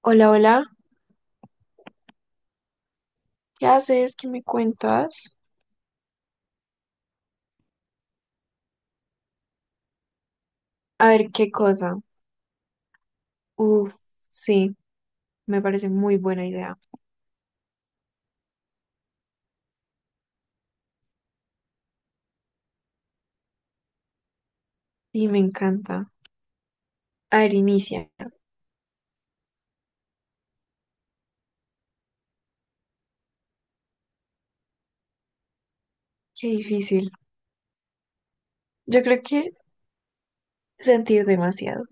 Hola, hola, ¿qué haces? ¿Qué me cuentas? A ver, qué cosa. Uf, sí, me parece muy buena idea. Y me encanta. A ver, inicia. Qué difícil. Yo creo que sentir demasiado.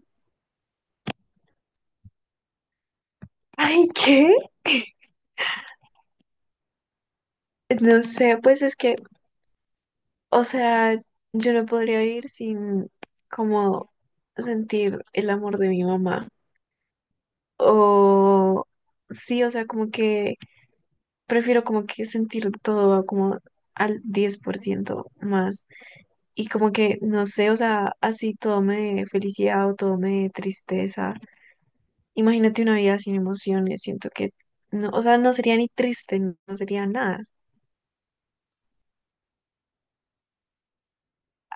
Ay, ¿qué? No sé, pues es que, o sea, yo no podría vivir sin como sentir el amor de mi mamá. O sí, o sea, como que prefiero como que sentir todo como al 10% más. Y como que, no sé, o sea, así todo me dé felicidad o todo me dé tristeza. Imagínate una vida sin emociones, siento que, no, o sea, no sería ni triste, no sería nada.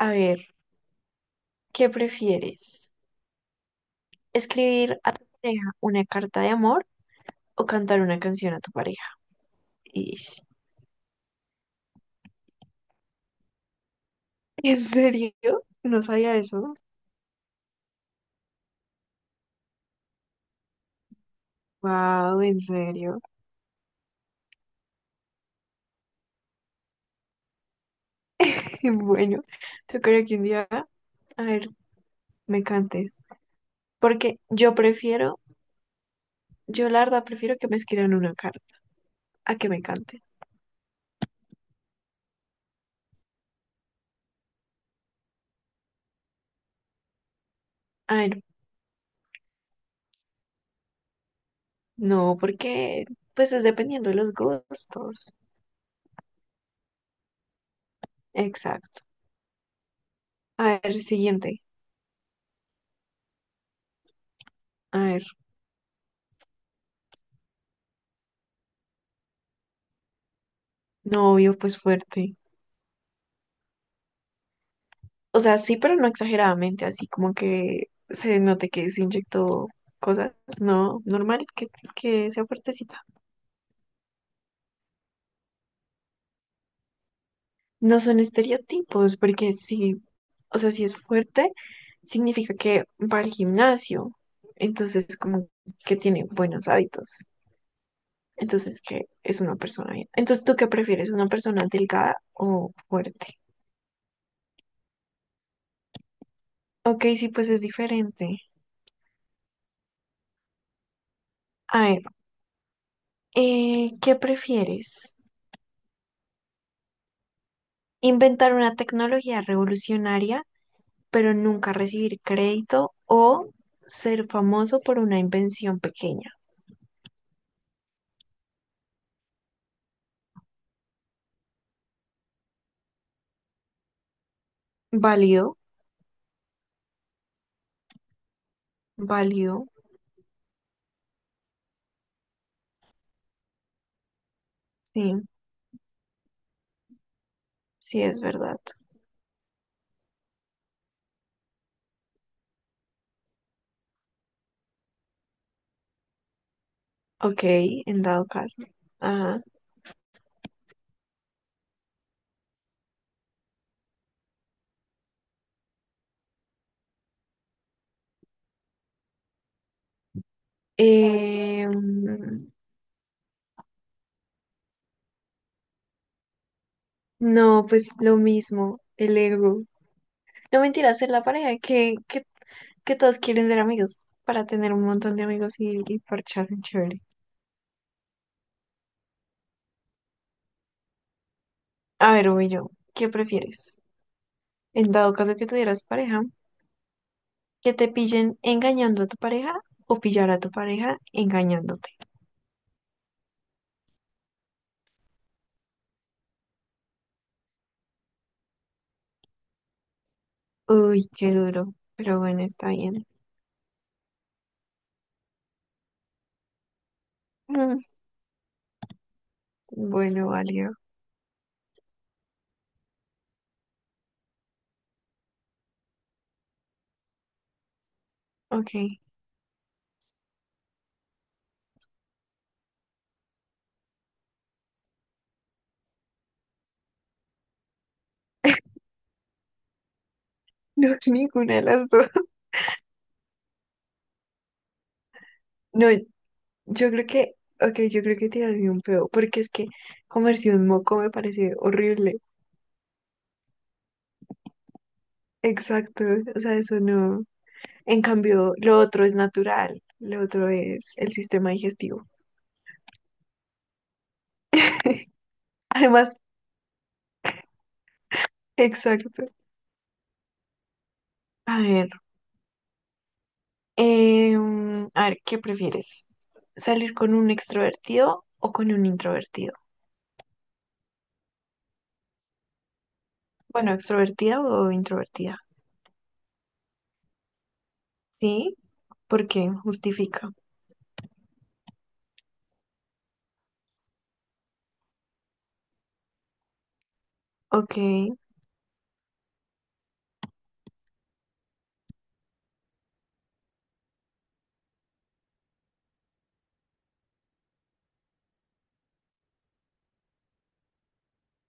A ver, ¿qué prefieres? ¿Escribir a tu pareja una carta de amor o cantar una canción a tu pareja? Ish. ¿En serio? No sabía eso. Wow, en serio. Bueno, yo creo que un día, a ver, me cantes. Porque yo prefiero, yo la verdad prefiero que me escriban una carta. A que me cante. Ay, no, no, porque pues es dependiendo de los gustos. Exacto. A ver, siguiente. A ver, novio, pues fuerte. O sea, sí, pero no exageradamente, así como que se note que se inyectó cosas, no, normal, que sea fuertecita. No son estereotipos, porque sí, o sea, si es fuerte, significa que va al gimnasio, entonces como que tiene buenos hábitos. Entonces, ¿qué es una persona bien? Entonces, ¿tú qué prefieres? ¿Una persona delgada o fuerte? Ok, sí, pues es diferente. A ver, ¿qué prefieres? ¿Inventar una tecnología revolucionaria, pero nunca recibir crédito o ser famoso por una invención pequeña? Válido, válido. Sí, sí, es verdad. Ok, en dado caso. Ajá. Eh, No, pues lo mismo, el ego. No mentira, ser la pareja que todos quieren ser amigos para tener un montón de amigos y parchar chévere. A ver, voy yo, ¿qué prefieres? En dado caso que tuvieras pareja, que te pillen engañando a tu pareja o pillar a tu pareja engañándote. Uy, qué duro, pero bueno, está bien. Mm, bueno, válido. Ok. No, ninguna de las dos. No, yo creo que, ok, yo creo que tirarme un peo, porque es que comerse un moco me parece horrible. Exacto, o sea, eso no. En cambio, lo otro es natural, lo otro es el sistema digestivo. Además, exacto. A ver, a ver, ¿qué prefieres? ¿Salir con un extrovertido o con un introvertido? Bueno, extrovertida o introvertida. ¿Sí? ¿Por qué? Justifica. Ok,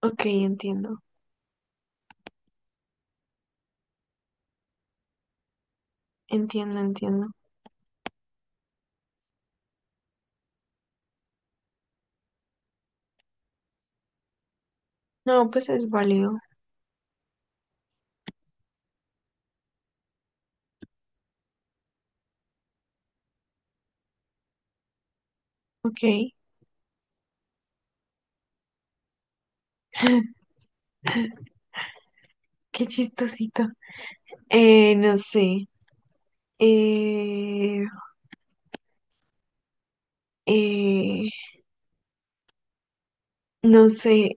ok, entiendo, entiendo, entiendo. No, pues es válido. Ok, qué chistosito. No sé. Eh, eh, no sé.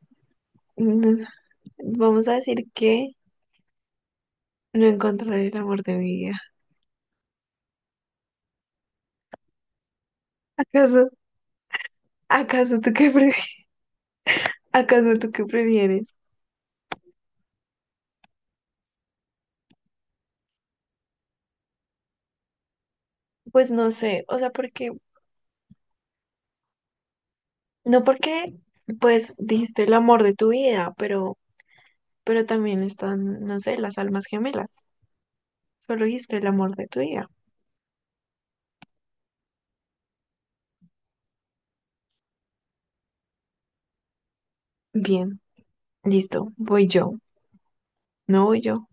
no- Vamos a decir que no encontraré el amor de mi vida. ¿Acaso, acaso tú qué pre, ¿Acaso tú qué prefieres? Pues no sé. O sea, porque, no porque, pues dijiste el amor de tu vida, pero también están, no sé, las almas gemelas. Solo dijiste el amor de tu vida. Bien, listo. Voy yo. No voy yo.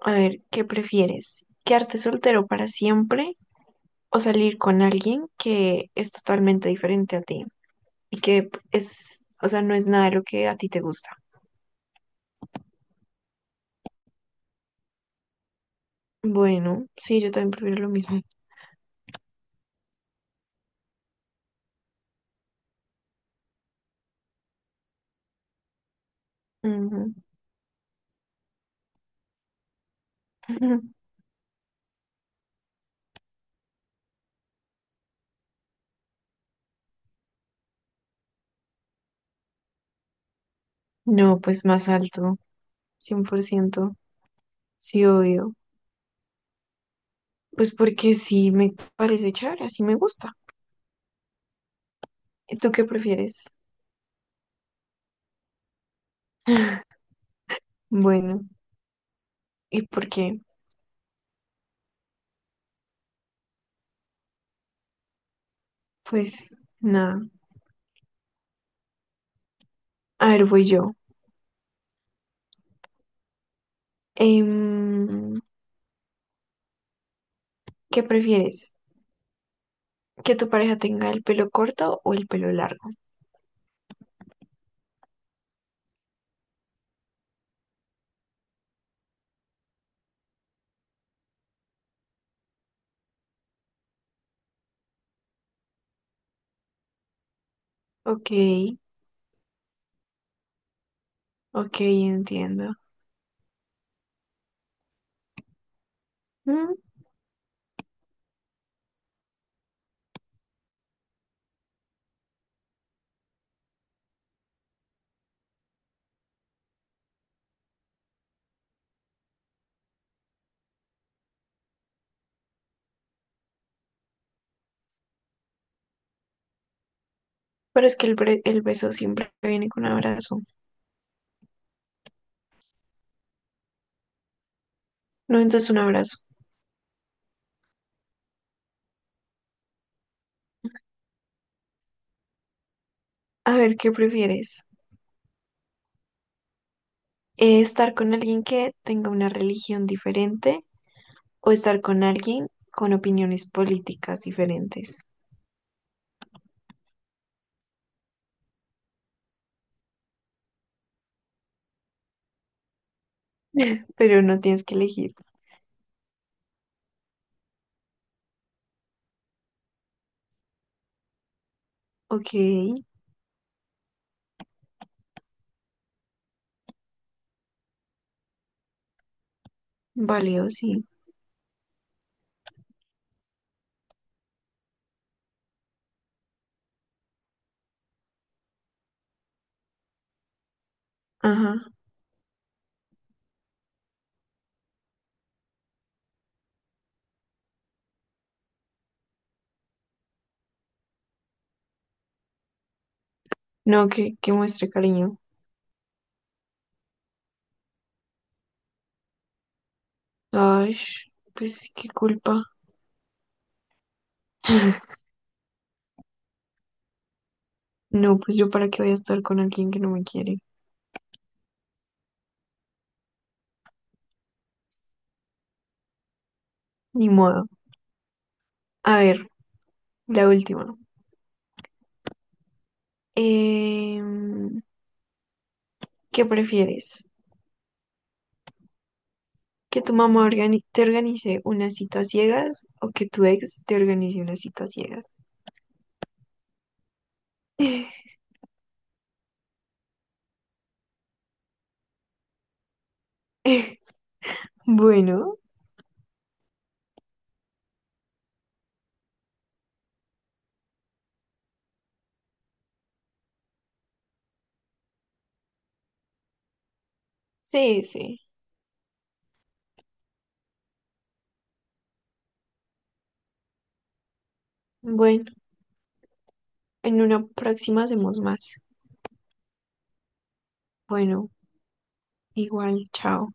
A ver, ¿qué prefieres? ¿Quedarte soltero para siempre o salir con alguien que es totalmente diferente a ti y que es, o sea, no es nada de lo que a ti te gusta? Bueno, sí, yo también prefiero lo mismo. Ujú. No, pues más alto, 100%. Sí, obvio. Pues porque sí me parece chévere, así me gusta. ¿Y tú qué prefieres? Bueno, ¿y por qué? Pues nada. A ver, voy yo. Em, ¿Qué prefieres? ¿Que tu pareja tenga el pelo corto o el pelo largo? Ok, ok, entiendo. Mm, pero es que el beso siempre viene con un abrazo. No, entonces un abrazo. A ver, ¿qué prefieres? Estar con alguien que tenga una religión diferente o estar con alguien con opiniones políticas diferentes. Pero no tienes que elegir. Ok, válido, sí. Ajá. No, que muestre cariño. Ay, pues qué culpa. No, pues yo para qué voy a estar con alguien que no me quiere. Ni modo. A ver, la última. Em, ¿Qué prefieres? Que tu mamá te organice unas citas ciegas o que tu ex te organice unas citas ciegas. Bueno, sí, sí. Bueno, en una próxima hacemos más. Bueno, igual, chao.